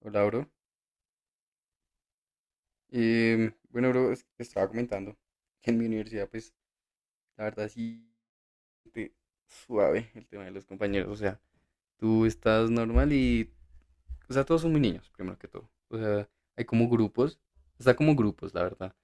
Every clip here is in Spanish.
Hola, bro. Bueno, bro, es que te estaba comentando que en mi universidad, pues, la verdad sí te suave el tema de los compañeros. O sea, tú estás normal y, o sea, todos son muy niños, primero que todo. O sea, hay como grupos, está como grupos, la verdad.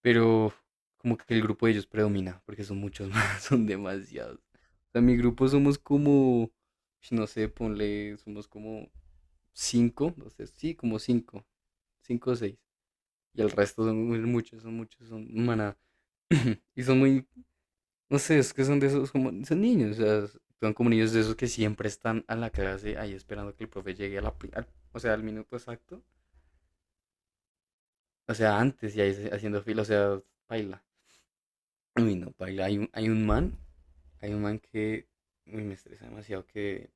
Pero como que el grupo de ellos predomina, porque son muchos más, son demasiados. O sea, mi grupo somos como, no sé, ponle, somos como cinco, no sé, sí, como cinco, cinco o seis. Y el resto son muchos, son muchos, son manadas. Y son muy, no sé, es que son de esos como, son niños, o sea, son como niños de esos que siempre están a la clase ahí esperando que el profe llegue a o sea, al minuto exacto, o sea, antes y ahí haciendo fila, o sea, baila. Uy, no, baila. Hay un man que, uy, me estresa demasiado, que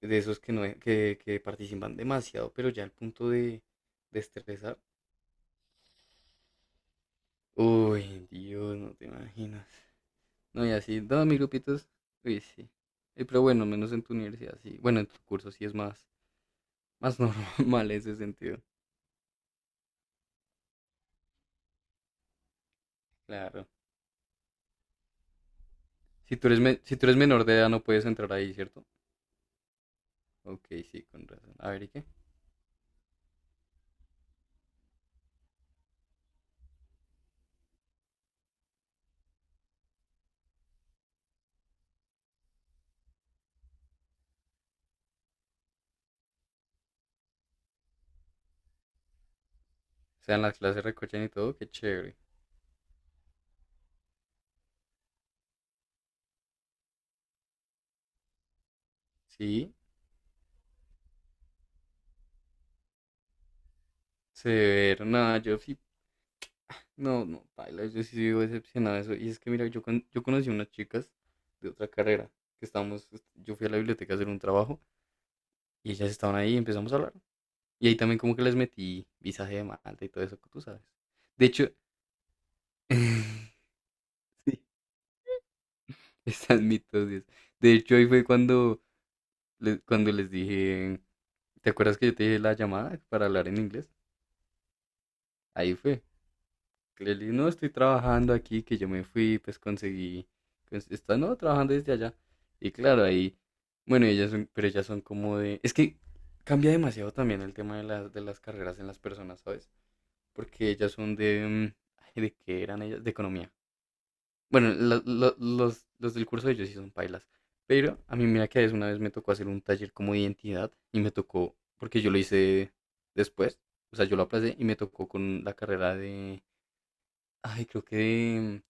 de esos que no, que participan demasiado, pero ya al punto de estresar. Uy, Dios, no te imaginas. No, y así, todos mis grupitos, uy, sí. Pero bueno, menos en tu universidad, sí. Bueno, en tu curso sí es más normal en ese sentido. Claro. Si tú eres menor de edad no puedes entrar ahí, ¿cierto? Ok, sí, con razón. A ver, ¿y qué? O sea, en las clases recochan y todo, qué chévere. Sí, severo. Nada, yo sí, no, no, paila, yo sí vivo decepcionado de eso. Y es que mira, yo conocí unas chicas de otra carrera que estábamos, yo fui a la biblioteca a hacer un trabajo y ellas estaban ahí y empezamos a hablar. Y ahí también como que les metí visaje de Malta y todo eso que tú sabes. De hecho, sí, estás mitosis. De hecho, ahí fue cuando les dije, ¿te acuerdas que yo te dije la llamada para hablar en inglés? Ahí fue que le dije, no, estoy trabajando aquí, que yo me fui, pues conseguí, pues, está, no, trabajando desde allá. Y claro, ahí, bueno, ellas son, pero ellas son como de, es que cambia demasiado también el tema de las carreras en las personas, ¿sabes? Porque ellas son de, ay, ¿de qué eran ellas? De economía. Bueno, los del curso de ellos sí son pailas. Pero a mí, mira que a veces una vez me tocó hacer un taller como de identidad y me tocó, porque yo lo hice después, o sea, yo lo aplacé y me tocó con la carrera de, ay, creo que de,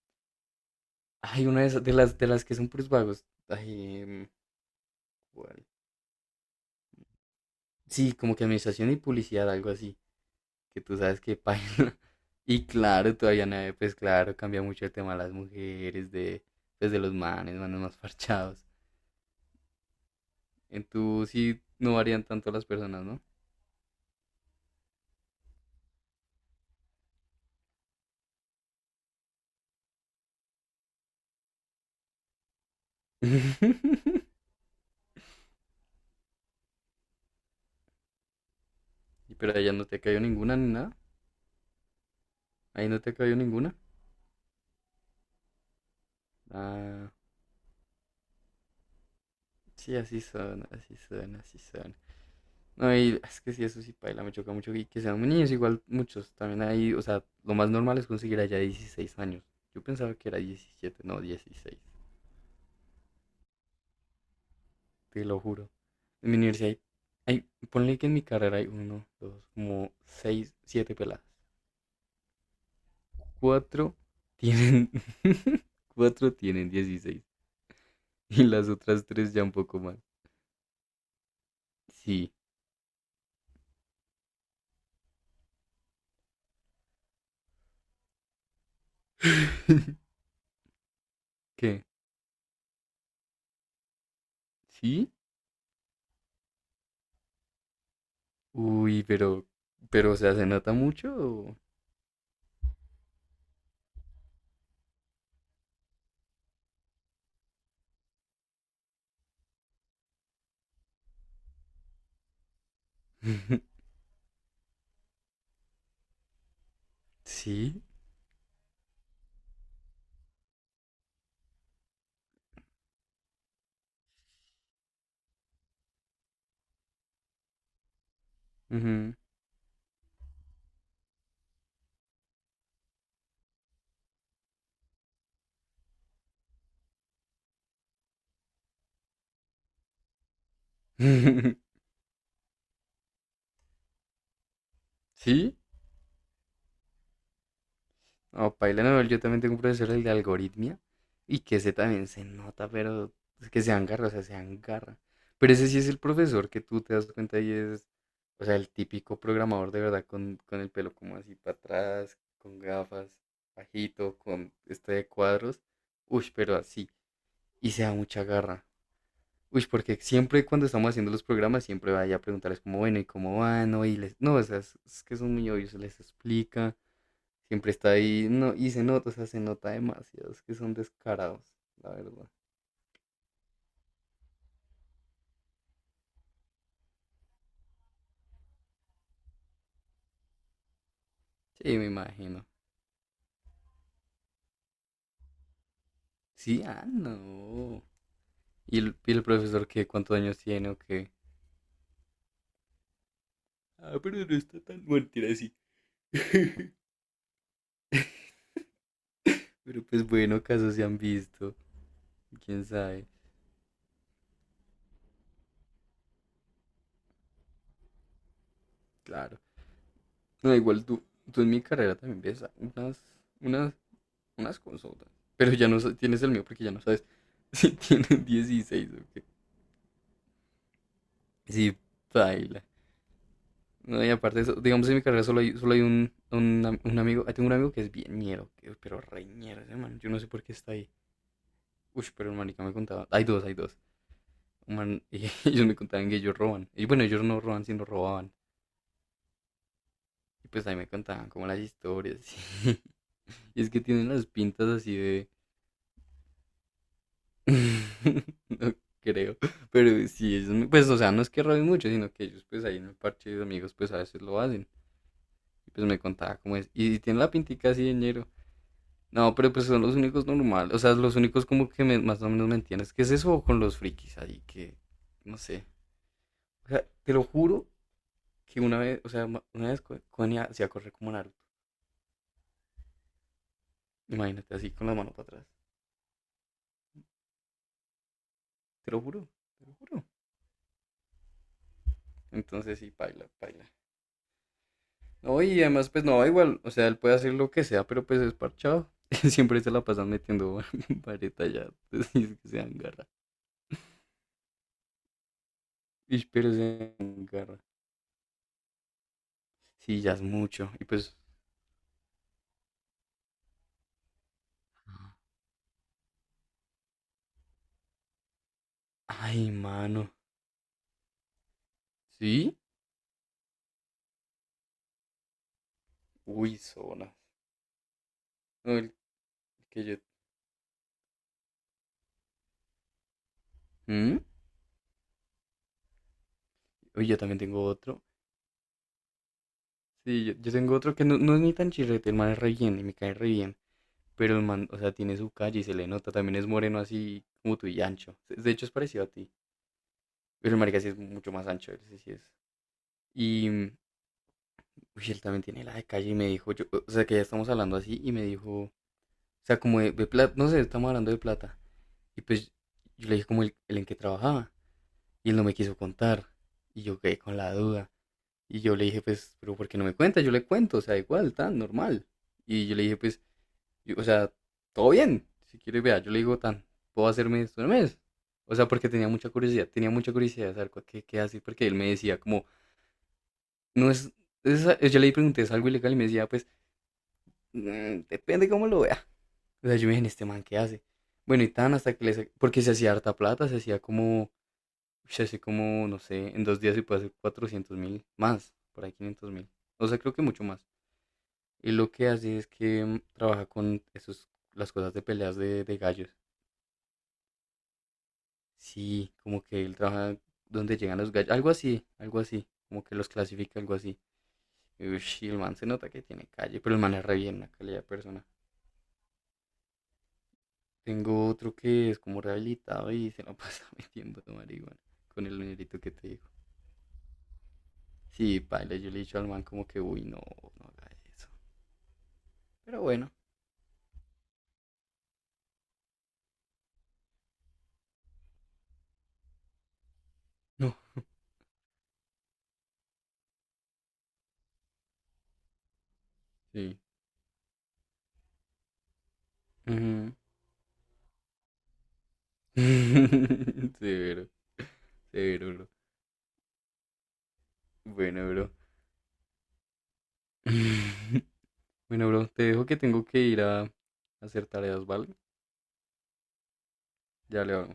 ay, una de, de las que son puros vagos, ay, ¿cuál? Sí, como que administración y publicidad, algo así, que tú sabes que paila. Y claro, todavía nadie, pues claro, cambia mucho el tema de las mujeres, de, pues de los manes, más parchados. En tu sí no varían tanto las personas, ¿no? Pero allá no te cayó ninguna ni nada. Ahí no te cayó ninguna. Ah, sí, así son, así son, así son. No, y es que sí, eso sí, paila, me choca mucho. Y que sean niños, igual muchos. También ahí, o sea, lo más normal es conseguir allá 16 años. Yo pensaba que era 17 no, 16. Te lo juro. En mi universidad hay, ponle que en mi carrera hay uno, dos, como seis, siete peladas. cuatro tienen, Cuatro tienen 16 y las otras tres ya un poco más. Sí. ¿Qué? ¿Sí? Uy, pero, o sea, ¿se nota mucho? ¿O? ¿Sí? Ujú. ¿Sí? No, paila, no, yo también tengo un profesor el de algoritmia y que ese también se nota, pero es que se agarra, o sea, se agarra. Pero ese sí es el profesor que tú te das cuenta y es, o sea, el típico programador de verdad con el pelo como así para atrás, con gafas, bajito, con este de cuadros. Uy, pero así. Y se da mucha garra. Uy, porque siempre cuando estamos haciendo los programas, siempre vaya a preguntarles como, bueno, ¿y cómo van? No, y les. No, o sea, es que son muy obvios, se les explica. Siempre está ahí, no, y se nota, o sea, se nota demasiado, es que son descarados, la verdad. Sí, me imagino. Sí, ah, no. ¿Y el profesor qué? ¿Cuántos años tiene o qué? Ah, pero no está tan mentira así. Pero pues bueno, casos se han visto, quién sabe. Claro. No, igual tú en mi carrera también ves unas, unas consultas. Pero ya no tienes el mío porque ya no sabes si tienen 16 o qué. Sí, baila. No, y aparte, de eso, digamos, en mi carrera solo hay un amigo. Ahí tengo un amigo que es bien ñero, pero reñero ese man. Yo no sé por qué está ahí. Uy, pero el marica me contaba. Hay dos, hay dos. Un man, y ellos me contaban que ellos roban. Y bueno, ellos no roban, sino robaban. Y pues ahí me contaban como las historias. Y es que tienen las pintas así de. No creo. Pero sí, ellos, pues, o sea, no es que roben mucho, sino que ellos, pues ahí en el parche de amigos, pues a veces lo hacen. Y pues me contaba cómo es. Y tienen la pintica así de ñero. No, pero pues son los únicos normales, o sea, los únicos como que más o menos me entiendes. ¿Qué es eso con los frikis ahí? Que, no sé. O sea, te lo juro que una vez, o sea, una vez Connie hacía correr como Naruto. Imagínate, así con la mano para atrás. Te lo juro, te lo juro. Entonces sí, paila, paila. No, y además, pues no, igual, o sea, él puede hacer lo que sea, pero pues es parchado. Siempre se la pasan metiendo vareta ya, entonces es que se dan garra. Ish, pero se dan garra. Sí, ya es mucho. Y pues, ay, mano. ¿Sí? Uy, zona. No, el que yo. ¿Mm? Uy, yo también tengo otro. Sí, yo tengo otro que no, no es ni tan chirrete, el man es re bien y me cae re bien. Pero el man, o sea, tiene su calle y se le nota. También es moreno así como tú y ancho. De hecho, es parecido a ti. Pero el marica sí es mucho más ancho, él sí, sí es. Y, uy, él también tiene la de calle y me dijo, yo, o sea, que ya estamos hablando así y me dijo, o sea, como de, plata, no sé, estamos hablando de plata. Y pues yo le dije como el en que trabajaba y él no me quiso contar. Y yo quedé con la duda. Y yo le dije, pues, pero ¿por qué no me cuenta? Yo le cuento, o sea, igual, tan normal. Y yo le dije, pues, o sea, todo bien. Si quiere, vea, yo le digo, tan, puedo hacerme esto en el mes. O sea, porque tenía mucha curiosidad de saber qué, hace, porque él me decía, como, no es, yo le pregunté, ¿es algo ilegal? Y me decía, pues, depende cómo lo vea. O sea, yo me dije, ¿este man qué hace? Bueno, y tan hasta que porque se hacía harta plata, se hacía como, no sé, en 2 días se puede hacer 400.000 más, por ahí 500.000. O sea, creo que mucho más. Y lo que hace es que trabaja con esos, las cosas de peleas de gallos. Sí, como que él trabaja donde llegan los gallos. Algo así, algo así. Como que los clasifica, algo así. Ush, y el man se nota que tiene calle, pero el man es re bien, una calidad de persona. Tengo otro que es como rehabilitado y se lo pasa metiendo de marihuana con el dinerito que te digo. Sí, paila, yo le he dicho al man como que, uy, no, no haga eso. Pero bueno, no. Sí. Ujú. Severo. Severo, bro. Bueno, bro. Bueno, bro, te dejo que tengo que ir a hacer tareas, ¿vale? Ya le vamos.